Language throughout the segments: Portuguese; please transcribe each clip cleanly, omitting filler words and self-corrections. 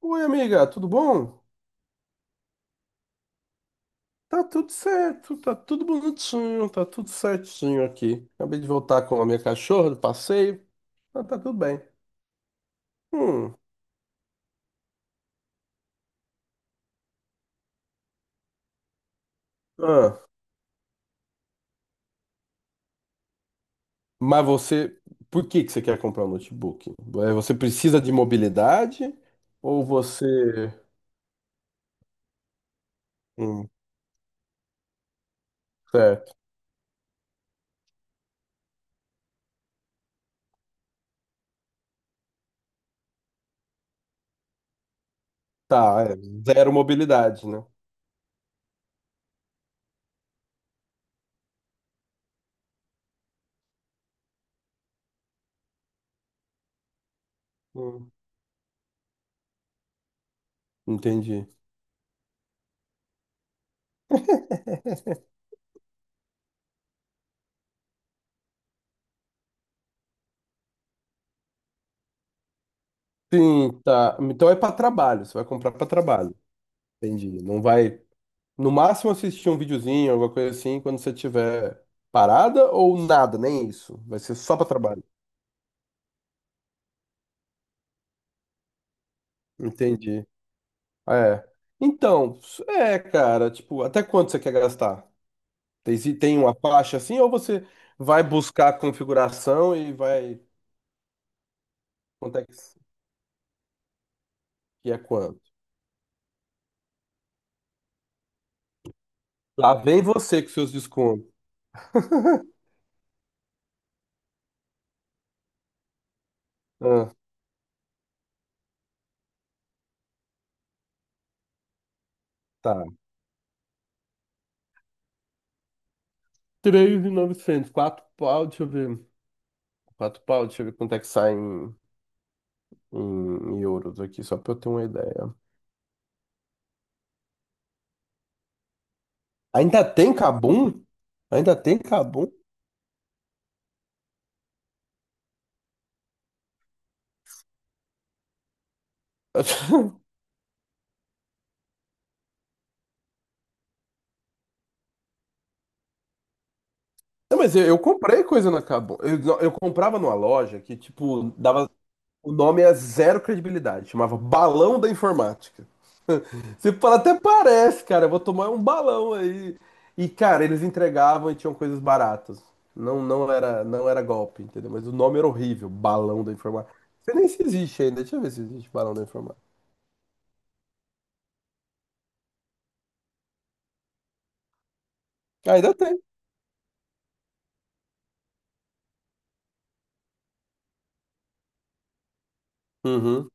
Oi, amiga, tudo bom? Tá tudo certo, tá tudo bonitinho, tá tudo certinho aqui. Acabei de voltar com a minha cachorra do passeio, tá, tá tudo bem. Hum. Ah, mas você, por que que você quer comprar um notebook? É, você precisa de mobilidade ou você. Hum. Certo. Tá, é zero mobilidade, né? Hum, entendi. Sim, tá. Então é para trabalho, você vai comprar para trabalho. Entendi. Não vai. No máximo assistir um videozinho, alguma coisa assim, quando você tiver parada ou nada, nem isso. Vai ser só para trabalho. Entendi. É. Então, é, cara, tipo, até quanto você quer gastar? Tem, tem uma faixa assim ou você vai buscar a configuração e vai quanto é que é quanto? Lá vem você com seus descontos. Ah, tá. 3.900, 4 pau, deixa eu ver. Quatro pau, deixa eu ver quanto é que sai em euros aqui, só pra eu ter uma ideia. Ainda tem Kabum? Ainda tem Kabum? Não, mas eu comprei coisa na Kabum. Eu, não, eu comprava numa loja que, tipo, dava. O nome é zero credibilidade. Chamava Balão da Informática. Você fala, até parece, cara. Eu vou tomar um balão aí. E, cara, eles entregavam e tinham coisas baratas. Não, não era golpe, entendeu? Mas o nome era horrível. Balão da Informática. Você nem se existe ainda. Deixa eu ver se existe Balão da Informática. Ah, ainda tem. Uhum.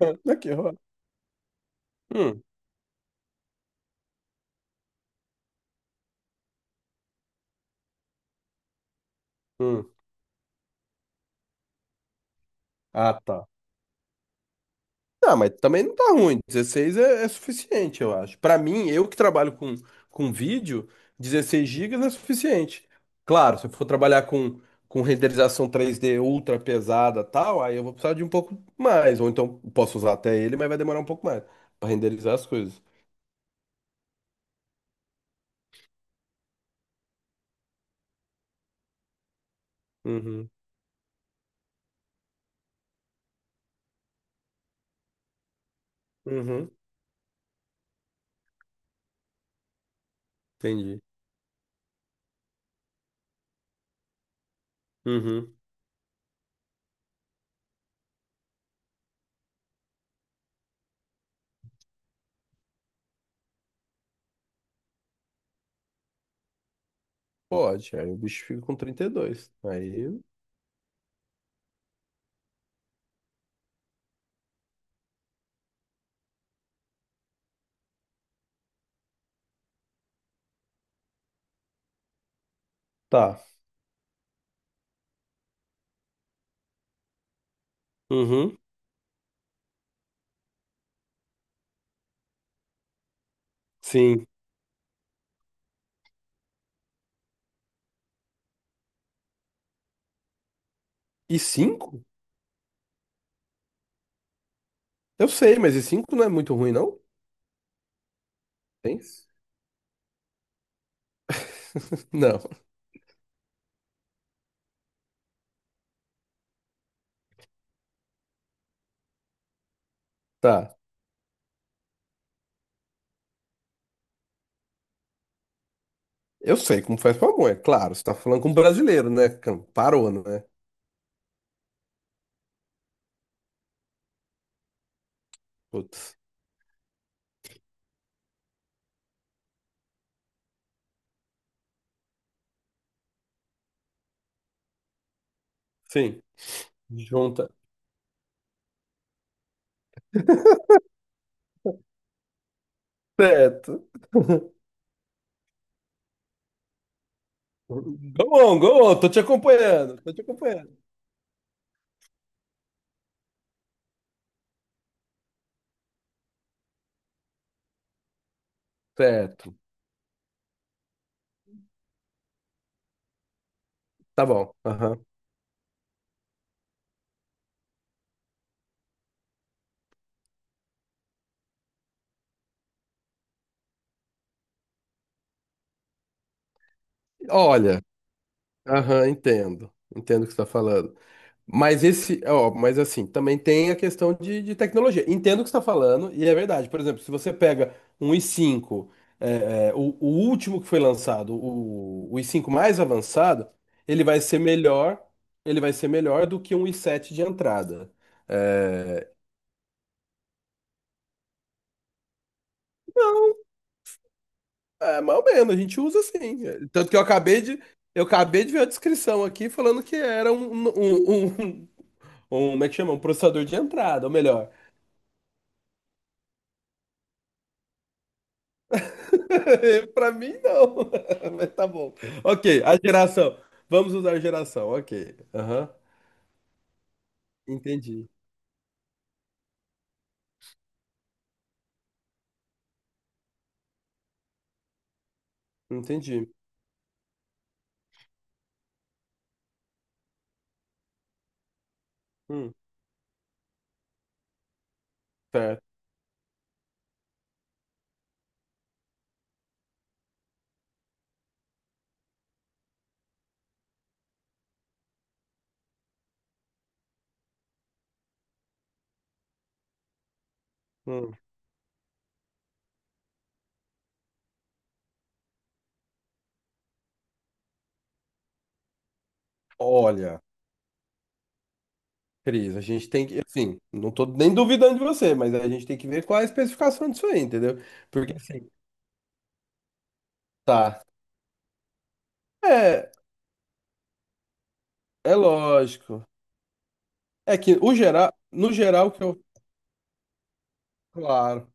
Aqui, rola. Hum, hum. Ah, tá. Não, mas também não tá ruim. 16 é suficiente, eu acho. Pra mim, eu que trabalho com vídeo, 16 gigas é suficiente. Claro, se eu for trabalhar com renderização 3D ultra pesada tal, aí eu vou precisar de um pouco mais. Ou então posso usar até ele, mas vai demorar um pouco mais pra renderizar as coisas. Uhum, uhum, entendi. Uhum, pode. Aí o bicho fica com 32. Aí tá. Uhum, sim. E 5? Eu sei, mas e 5 não é muito ruim, não? Tem? Não. Tá. Eu sei como faz pamonha, claro. Você tá falando com um brasileiro, né? Parou, né? Putz. Sim. Junta. Certo. Go on, go on. Tô te acompanhando. Tô te acompanhando. Certo. Tá bom. Aham. Olha. Aham, entendo. Entendo o que você tá falando. Mas esse, ó, mas assim, também tem a questão de tecnologia. Entendo o que você está falando, e é verdade. Por exemplo, se você pega um i5, o último que foi lançado, o i5 mais avançado, ele vai ser melhor, ele vai ser melhor do que um i7 de entrada. É, é, mais ou menos, a gente usa assim. Tanto que eu acabei de ver a descrição aqui falando que era como é que chama? Um processador de entrada, ou melhor. Pra mim, não. Mas tá bom. Ok, a geração. Vamos usar geração, ok. Aham. Entendi. Entendi. Hum, certo. Hum. Olha, Cris, a gente tem que. Assim, não tô nem duvidando de você, mas a gente tem que ver qual é a especificação disso aí, entendeu? Porque assim, tá. É, é lógico. É que o geral, no geral que eu. Claro.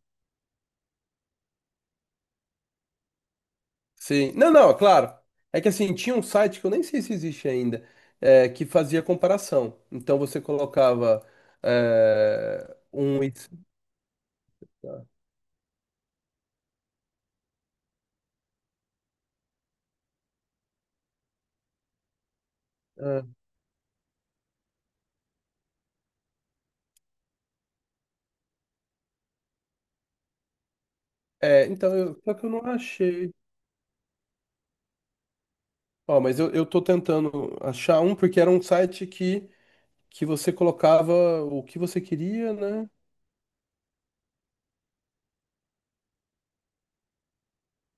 Sim. Não, não, é claro. É que assim, tinha um site que eu nem sei se existe ainda, é, que fazia comparação. Então você colocava é, um. É, é, então, eu, só que eu não achei. Ó, mas eu tô tentando achar um, porque era um site que você colocava o que você queria, né?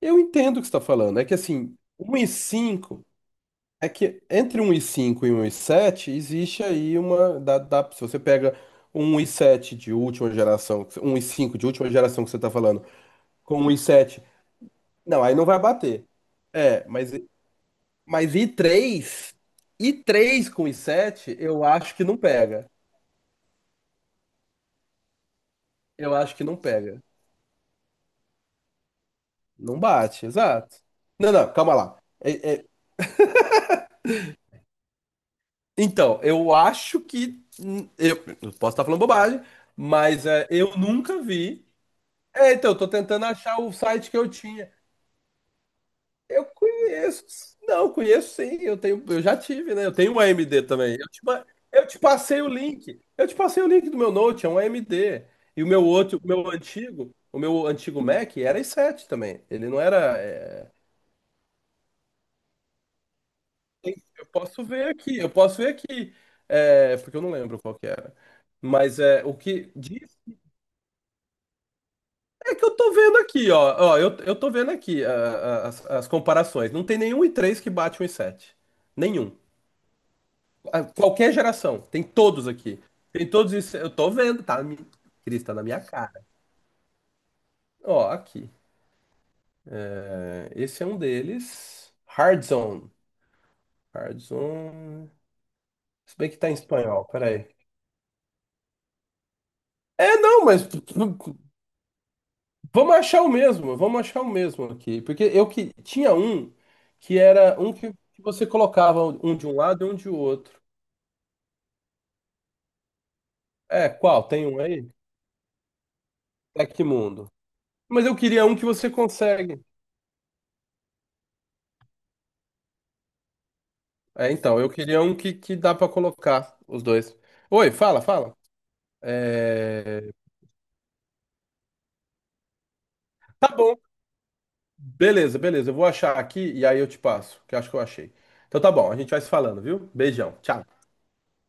Eu entendo o que você está falando. É que assim, um e cinco. É que entre 1,5 e um vírgula sete existe aí uma. Se você pega um vírgula sete de última geração, um cinco de última geração que você está falando, com um vírgula sete, não, aí não vai bater. É, mas i três com i sete, eu acho que não pega. Eu acho que não pega. Não bate, exato. Não, não, calma lá. Então, eu acho que. Eu posso estar falando bobagem, mas é, eu nunca vi. É, então, eu tô tentando achar o site que eu tinha. Eu conheço. Não, conheço sim. Eu tenho, eu já tive, né? Eu tenho um AMD também. Eu te passei o link. Eu te passei o link do meu Note, é um AMD. E o meu outro, o meu antigo Mac era i7 também. Ele não era. Eu posso ver aqui, eu posso ver aqui. É, porque eu não lembro qual que era. Mas é o que. É que eu tô vendo aqui, ó. Ó, eu tô vendo aqui as comparações. Não tem nenhum i três que bate um i sete. Nenhum. Ah, qualquer geração. Tem todos aqui. Tem todos isso. Eu tô vendo, tá? Cris, tá na minha cara. Ó, aqui. É, esse é um deles. Hard Zone. Hard Zone. Se bem que tá em espanhol, peraí. É, não, mas vamos achar o mesmo. Vamos achar o mesmo aqui. Porque eu que tinha um que era um que você colocava um de um lado e um de outro. É, qual? Tem um aí? Tecmundo. Mas eu queria um que você consegue. É, então, eu queria um que dá pra colocar os dois. Oi, fala, fala. É, tá bom. Beleza, beleza. Eu vou achar aqui e aí eu te passo, que eu acho que eu achei. Então tá bom, a gente vai se falando, viu? Beijão. Tchau.